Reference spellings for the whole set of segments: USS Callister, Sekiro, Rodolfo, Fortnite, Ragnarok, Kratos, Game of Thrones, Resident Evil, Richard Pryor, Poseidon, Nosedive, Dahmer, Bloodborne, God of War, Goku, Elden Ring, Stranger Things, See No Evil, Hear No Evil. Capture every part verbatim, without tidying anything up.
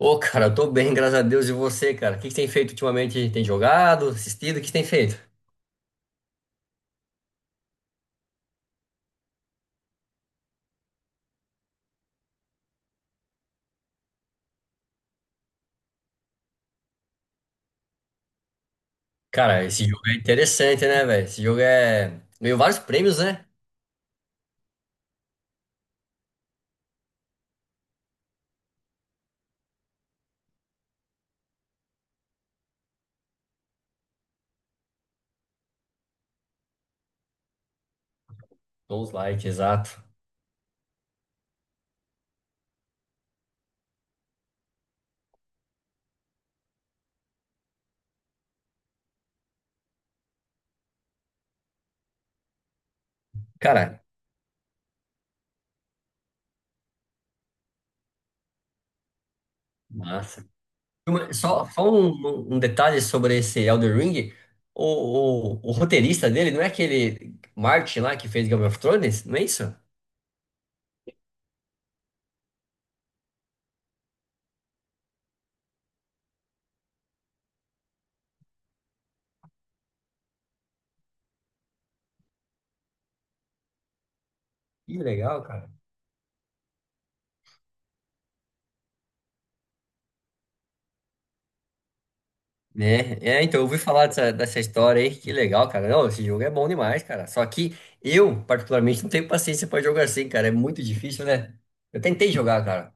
Ô, cara, eu tô bem, graças a Deus. E você, cara? O que que tem feito ultimamente? Tem jogado, assistido? O que que tem feito? Cara, esse jogo é interessante, né, velho? Esse jogo é. Ganhou vários prêmios, né? Souls like, exato. Cara, massa. Uma- Só, só um, um detalhe sobre esse Elden Ring. O, o, o roteirista dele não é aquele Martin lá que fez Game of Thrones? Não é isso? Que legal, cara. Né é, então, eu ouvi falar dessa, dessa história aí, que legal, cara. Não, esse jogo é bom demais, cara. Só que eu, particularmente, não tenho paciência pra jogar assim, cara. É muito difícil, né? Eu tentei jogar, cara.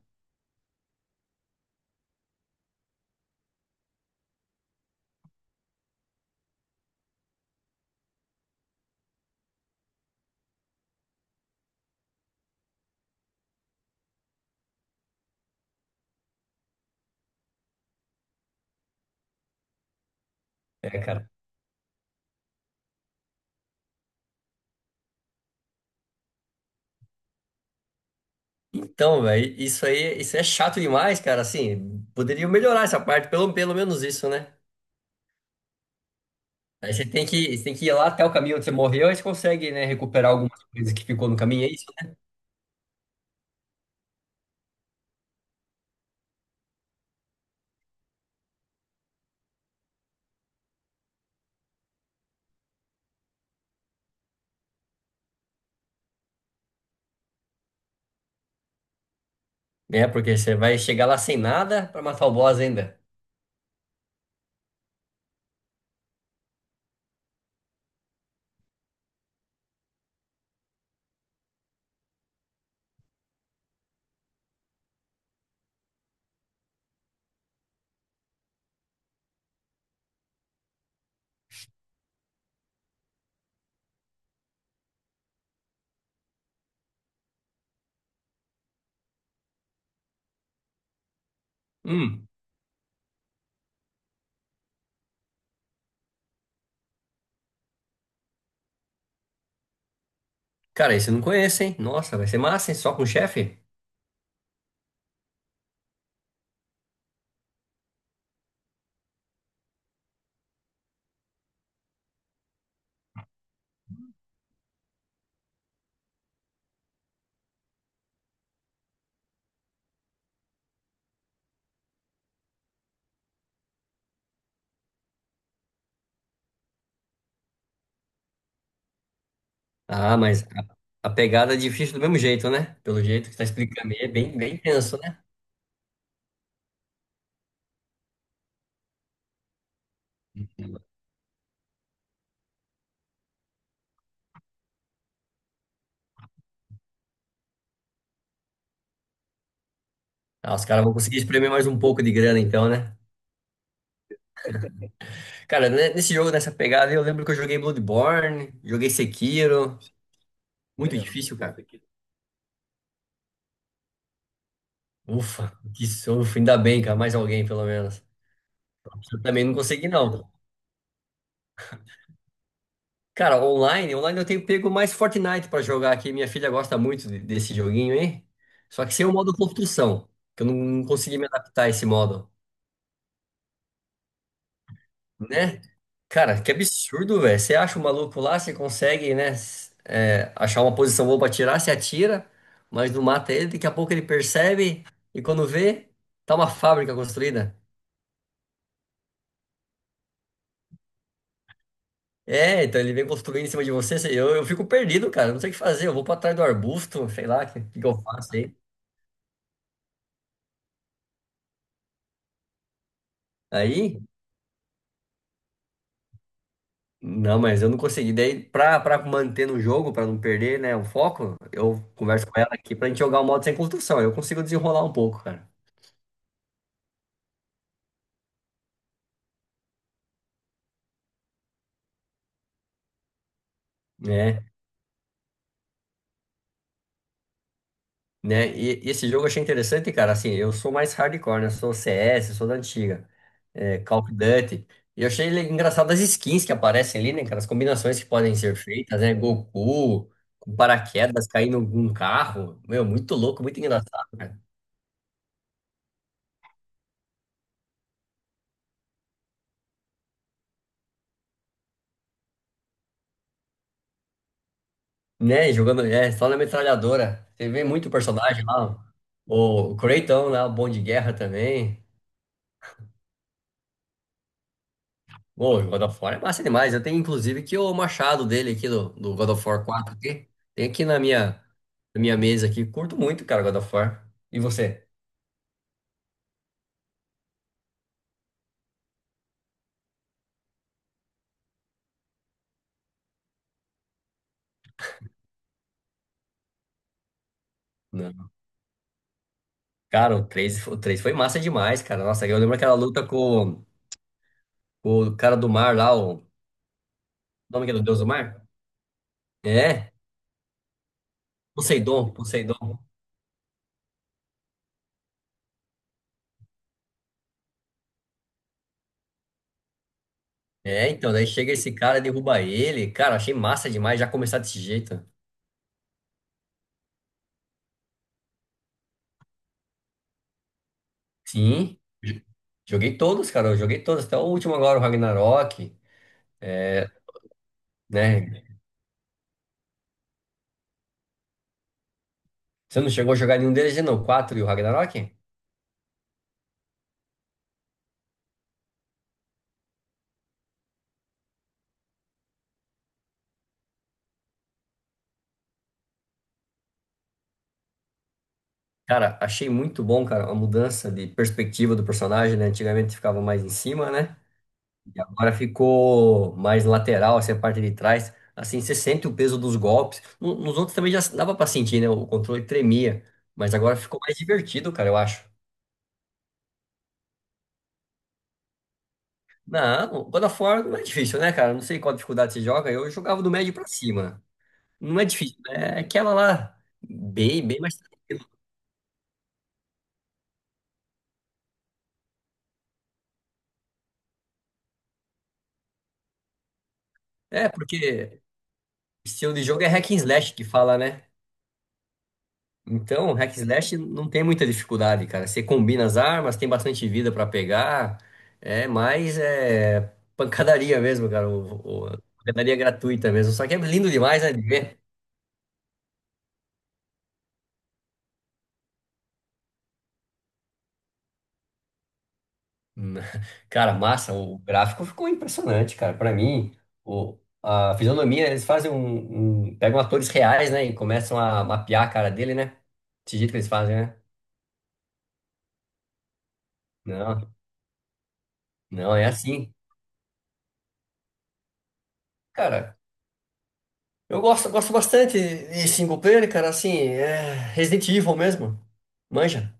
É, cara. Então, velho, isso aí, isso é chato demais, cara. Assim, poderia melhorar essa parte, pelo, pelo menos isso, né? Aí você tem que, você tem que ir lá até o caminho onde você morreu, aí você consegue, né, recuperar algumas coisas que ficou no caminho, é isso, né? É, porque você vai chegar lá sem nada pra matar o boss ainda. Hum, cara, isso eu não conheço, hein? Nossa, vai ser massa, hein? Só com o chefe? Ah, mas a, a pegada é difícil do mesmo jeito, né? Pelo jeito que tá explicando aí, é bem, bem tenso, né? Ah, os caras vão conseguir espremer mais um pouco de grana então, né? Cara, né, nesse jogo, nessa pegada, aí, eu lembro que eu joguei Bloodborne, joguei Sekiro. Muito é, difícil, cara. Ufa, que sofro. Ainda bem, cara, mais alguém pelo menos. Eu também não consegui, não. Cara, online, online eu tenho pego mais Fortnite pra jogar aqui. Minha filha gosta muito de- desse joguinho, hein? Só que sem o modo construção, que eu não não consegui me adaptar a esse modo. Né? Cara, que absurdo, velho. Você acha o maluco lá, você consegue, né, s- é, achar uma posição boa pra tirar, você atira, mas não mata ele. Daqui a pouco ele percebe e quando vê, tá uma fábrica construída. É, então ele vem construindo em cima de você. você- Eu, eu fico perdido, cara. Não sei o que fazer. Eu vou pra trás do arbusto, sei lá, o que, que que eu faço aí? Aí, não, mas eu não consegui. Daí, pra, pra manter no jogo, pra não perder, né, o foco, eu converso com ela aqui pra gente jogar o modo sem construção. Eu consigo desenrolar um pouco, cara. Né? Né? E, e esse jogo eu achei interessante, cara. Assim, eu sou mais hardcore, né? Eu sou C S, sou da antiga, é, Call of Duty. E eu achei le- engraçado as skins que aparecem ali, né, cara? As combinações que podem ser feitas, né? Goku, com paraquedas, caindo num carro. Meu, muito louco, muito engraçado, cara. Né? Jogando, é, só na metralhadora. Você vê muito personagem lá. O o Kratos, né? O Bom de Guerra também. Bom, o God of War é massa demais. Eu tenho inclusive aqui o machado dele aqui do, do God of War quatro aqui. Tem aqui na minha, na minha mesa aqui. Curto muito, cara, God of War. E você? Não. Cara, o três o três foi massa demais, cara. Nossa, eu lembro aquela luta com, com o cara do mar lá, o o nome que é do Deus do Mar? É, Poseidon, Poseidon. É, então, daí chega esse cara, derruba ele. Cara, achei massa demais já começar desse jeito. Sim, joguei todos, cara. Eu joguei todos, até o último agora, o Ragnarok, né? Você não chegou a jogar nenhum deles, não? O quatro e o Ragnarok? Cara, achei muito bom, cara, a mudança de perspectiva do personagem, né? Antigamente ficava mais em cima, né? E agora ficou mais lateral, assim, a parte de trás. Assim, você sente o peso dos golpes. No- Nos outros também já dava pra sentir, né? O controle tremia. Mas agora ficou mais divertido, cara, eu acho. Não, God of War não é difícil, né, cara? Não sei qual dificuldade você joga. Eu jogava do médio pra cima. Não é difícil, né? É aquela lá, bem, bem mais. É, porque estilo de jogo é hack and slash que fala, né? Então, hack and slash não tem muita dificuldade, cara. Você combina as armas, tem bastante vida pra pegar. É mais é, pancadaria mesmo, cara. O, o- pancadaria gratuita mesmo. Só que é lindo demais, né, de ver. Hum, cara, massa. O gráfico ficou impressionante, cara. Pra mim, o, a fisionomia, eles fazem um, um- pegam atores reais, né? E começam a mapear a cara dele, né? Desse jeito que eles fazem, né? Não, não, é assim. Cara, eu gosto, gosto bastante de single player, cara, assim, é Resident Evil mesmo. Manja.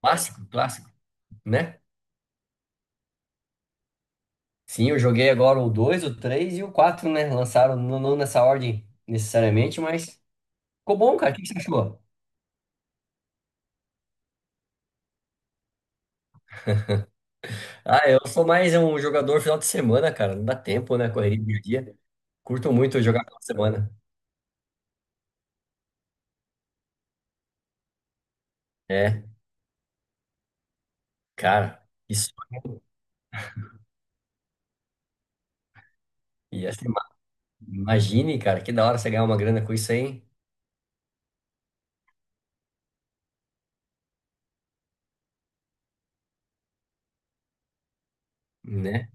Clássico, clássico, né? Sim, eu joguei agora o dois, o três e o quatro, né? Lançaram não, não nessa ordem necessariamente, mas ficou bom, cara. O que que você achou? Ah, eu sou mais um jogador final de semana, cara. Não dá tempo, né? Correria do dia a dia. Curto muito jogar final de semana. É, cara, isso. E assim, ima- imagine, cara, que da hora você ganhar uma grana com isso aí, né?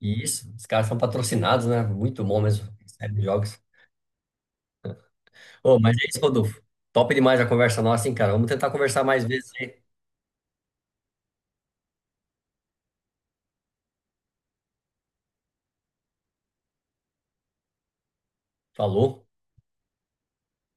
E isso, os caras são patrocinados, né? Muito bom mesmo, série de jogos. Ô, mas é isso, Rodolfo. Top demais a conversa nossa, hein, cara? Vamos tentar conversar mais vezes aí. Falou.